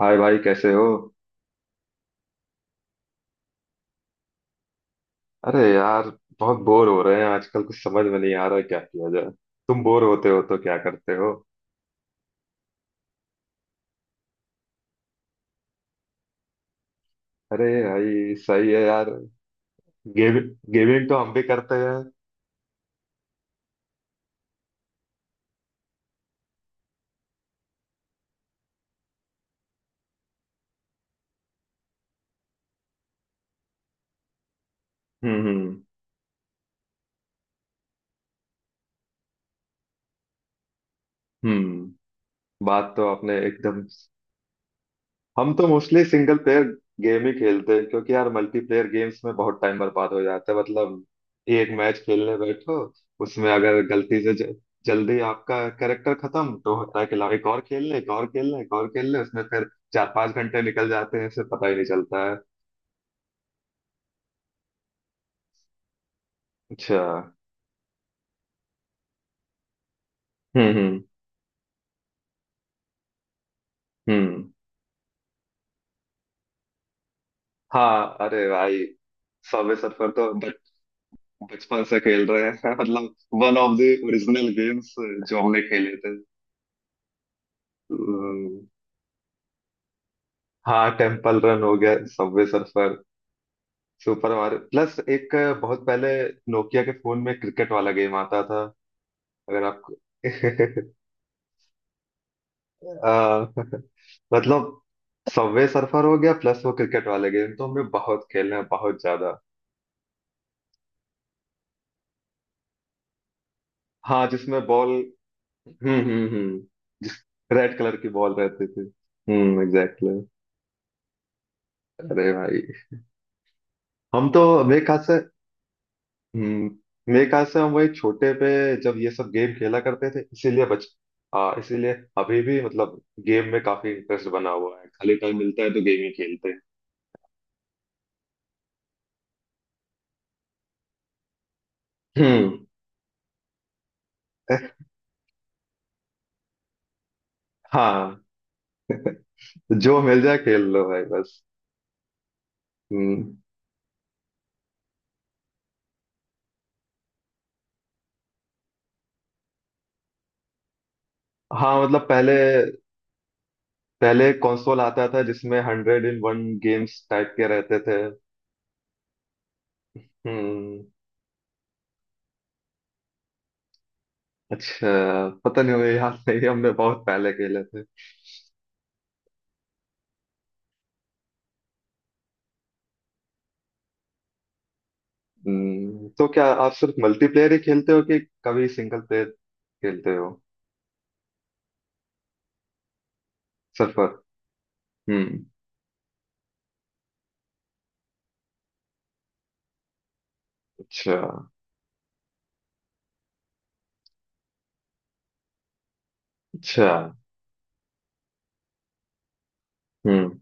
हाय भाई, कैसे हो? अरे यार, बहुत बोर हो रहे हैं आजकल। कुछ समझ में नहीं आ रहा है, क्या किया जाए? तुम बोर होते हो तो क्या करते हो? अरे भाई, सही है यार। गेम गेमिंग तो हम भी करते हैं। हम्म, हम्म, हम्म। बात तो आपने एकदम। हम तो मोस्टली सिंगल प्लेयर गेम ही खेलते हैं क्योंकि यार मल्टीप्लेयर गेम्स में बहुत टाइम बर्बाद हो जाता है, मतलब एक मैच खेलने बैठो, उसमें अगर गलती से जल्दी आपका कैरेक्टर खत्म तो होता है कि लाओ, एक और खेल ले, एक और खेल ले, एक और खेल ले, उसमें फिर 4 5 घंटे निकल जाते हैं, इससे पता ही नहीं चलता है। अच्छा। हम्म, हम्म, हम्म। हाँ, अरे भाई, सबवे सर्फर तो बचपन से खेल रहे हैं मतलब one of the original games जो हमने खेले थे। हम्म। हाँ, टेम्पल रन हो गया, subway surfer, super Mario. Plus, एक बहुत पहले नोकिया के फोन में क्रिकेट वाला गेम आता था। अगर आपको आ, मतलब सबवे सर्फर हो गया, प्लस वो क्रिकेट वाले गेम तो हमने बहुत खेले हैं, बहुत ज्यादा। हाँ, जिसमें बॉल। हम्म, हम्म, हम्म। जिस रेड कलर की बॉल रहती थी। हम्म, एग्जैक्टली। अरे भाई, हम तो मेरे ख्याल से। हम्म। मेरे ख्याल से हम वही छोटे पे जब ये सब गेम खेला करते थे इसीलिए बच इसीलिए अभी भी मतलब गेम में काफी इंटरेस्ट बना हुआ है, खाली टाइम मिलता है तो गेम ही खेलते हैं। हम्म। हाँ, जो मिल जाए खेल लो भाई, बस। हम्म। हाँ, मतलब पहले पहले कंसोल आता था जिसमें 100 इन 1 गेम्स टाइप के रहते थे। हम्म। अच्छा, पता नहीं, मुझे याद नहीं, हमने बहुत पहले खेले थे। तो क्या आप सिर्फ मल्टीप्लेयर ही खेलते हो कि कभी सिंगल प्लेयर खेलते हो? सर्फर। हम्म। अच्छा, अच्छा। हम्म,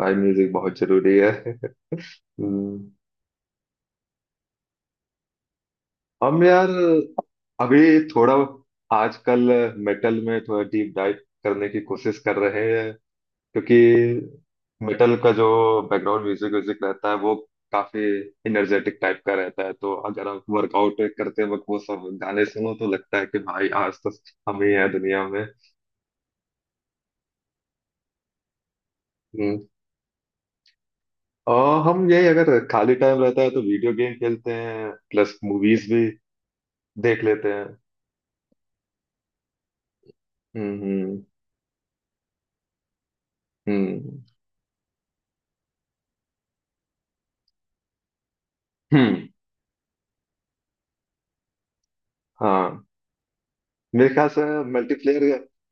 भाई म्यूजिक बहुत जरूरी है। हम्म, हम यार अभी थोड़ा आजकल मेटल में थोड़ा डीप डाइव करने की कोशिश कर रहे हैं, क्योंकि मेटल का जो बैकग्राउंड म्यूजिक व्यूजिक रहता है वो काफी एनर्जेटिक टाइप का रहता है, तो अगर आप वर्कआउट करते वक्त वो सब गाने सुनो तो लगता है कि भाई आज तो हम ही हैं दुनिया में। हम्म। और हम यही, अगर खाली टाइम रहता है तो वीडियो गेम खेलते हैं, प्लस मूवीज भी देख लेते हैं। हम्म, हम्म, हम्म, हम्म। हाँ, मेरे ख्याल से मल्टीप्लेयर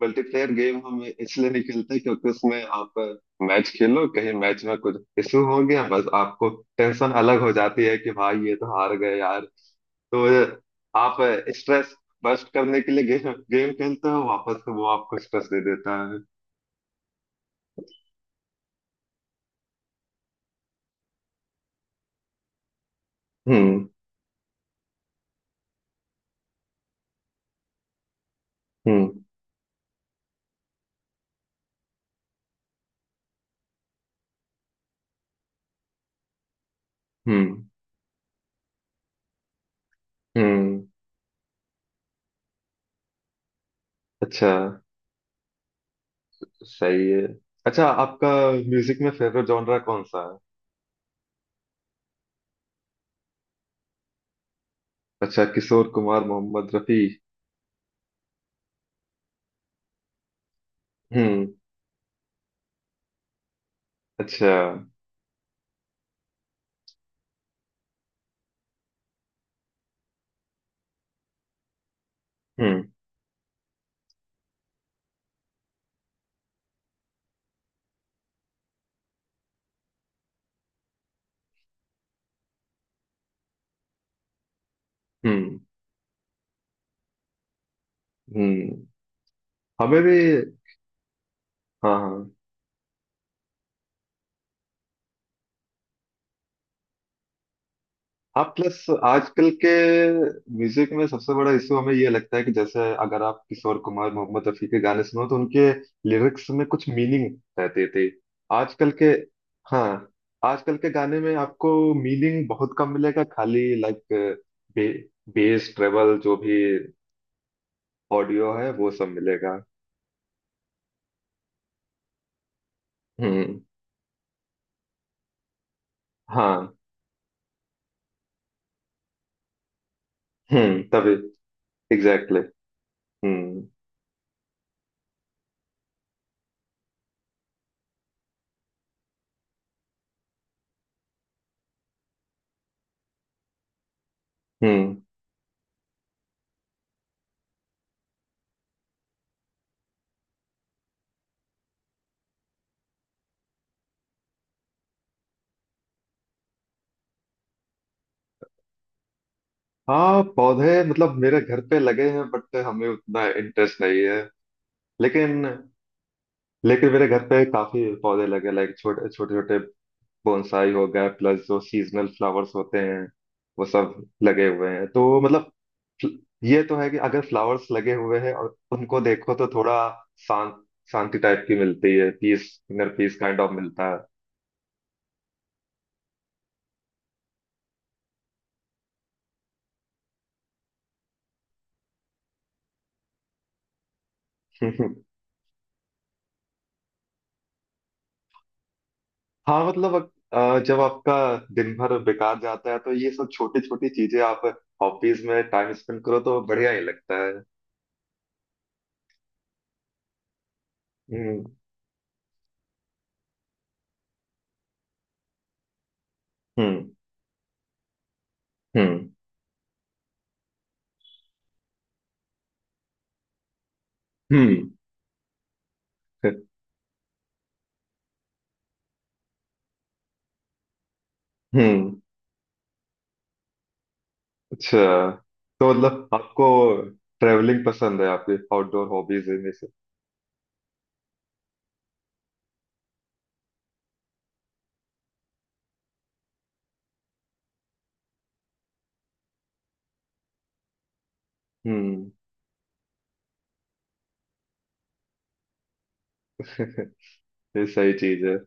मल्टीप्लेयर गेम हम इसलिए नहीं खेलते क्योंकि उसमें आप मैच खेलो, कहीं मैच में कुछ इशू हो गया, बस आपको टेंशन अलग हो जाती है कि भाई ये तो हार गए यार। तो आप स्ट्रेस बस्ट करने के लिए गेम गेम खेलते हो, वापस से वो आपको स्ट्रेस दे देता है। हम्म, हम्म, हम्म, हम्म। अच्छा, सही है। अच्छा, आपका म्यूजिक में फेवरेट जॉनरा कौन सा है? अच्छा, किशोर कुमार, मोहम्मद रफी। हम्म। अच्छा। हम्म, हम्म, हम्म। हमें भी। हाँ, हाँ, हाँ। प्लस आजकल के म्यूजिक में सबसे बड़ा इशू हमें ये लगता है कि जैसे अगर आप किशोर कुमार, मोहम्मद रफी के गाने सुनो तो उनके लिरिक्स में कुछ मीनिंग रहते थे। आजकल के। हाँ, आजकल के गाने में आपको मीनिंग बहुत कम मिलेगा, खाली लाइक बे, बेस, ट्रेबल, जो भी ऑडियो है वो सब मिलेगा। हम्म। हाँ। हम्म, तभी। एग्जैक्टली। हम्म, हम्म। हाँ, पौधे मतलब मेरे घर पे लगे हैं बट हमें उतना इंटरेस्ट नहीं है। लेकिन, मेरे घर पे काफी पौधे लगे, लाइक छोटे छोटे छोटे बोनसाई हो गए, प्लस जो सीजनल फ्लावर्स होते हैं वो सब लगे हुए हैं, तो मतलब फ्ल- ये तो है कि अगर फ्लावर्स लगे हुए हैं और उनको देखो तो थोड़ा शांत शांति टाइप की मिलती है, peace, inner peace kind of मिलता है। हाँ, मतलब जब आपका दिन भर बेकार जाता है तो ये सब छोटी छोटी चीजें, आप हॉबीज में टाइम स्पेंड करो तो बढ़िया ही लगता है। हम्म, हम्म, हम्म, हम्म, हम्म। अच्छा, तो मतलब आपको ट्रेवलिंग पसंद है? आपकी आउटडोर हॉबीज इनमें से? हम्म। ये सही चीज है।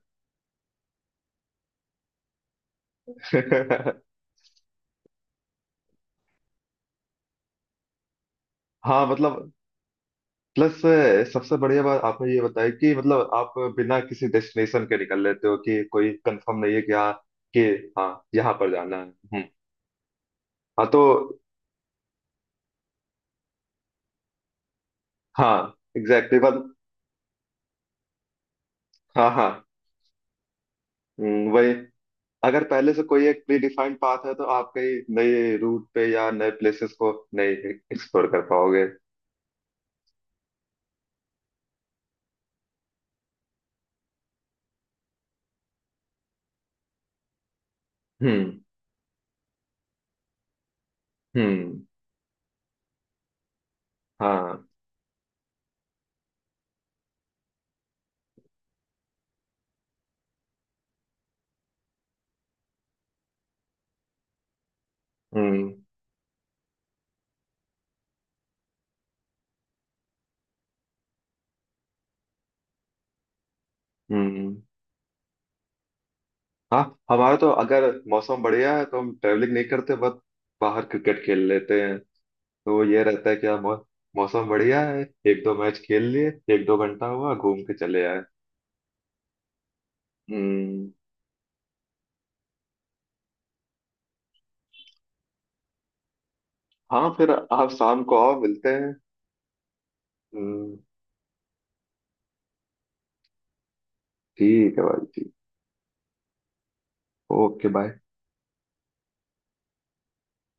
हाँ, मतलब, प्लस सबसे बढ़िया बात आपने ये बताया कि मतलब आप बिना किसी डेस्टिनेशन के निकल लेते हो, कि कोई कंफर्म नहीं है कि हाँ यहाँ पर जाना है। हम्म। हाँ, तो हाँ, एग्जैक्टली, बस। हाँ, हाँ। वही। अगर पहले से कोई एक प्री डिफाइंड पाथ है तो आप कहीं नए रूट पे या नए प्लेसेस को नहीं एक्सप्लोर कर पाओगे। हम्म, हम्म। हाँ। हम्म, हम्म। हाँ, हमारा तो अगर मौसम बढ़िया है तो हम ट्रेवलिंग नहीं करते, बस बाहर क्रिकेट खेल लेते हैं। तो ये रहता है कि हाँ, मौसम बढ़िया है, एक दो मैच खेल लिए, 1 2 घंटा हुआ, घूम के चले आए। हम्म। हाँ, फिर आप शाम को आओ, मिलते हैं। हम्म। ठीक है भाई, ठीक। Okay bye.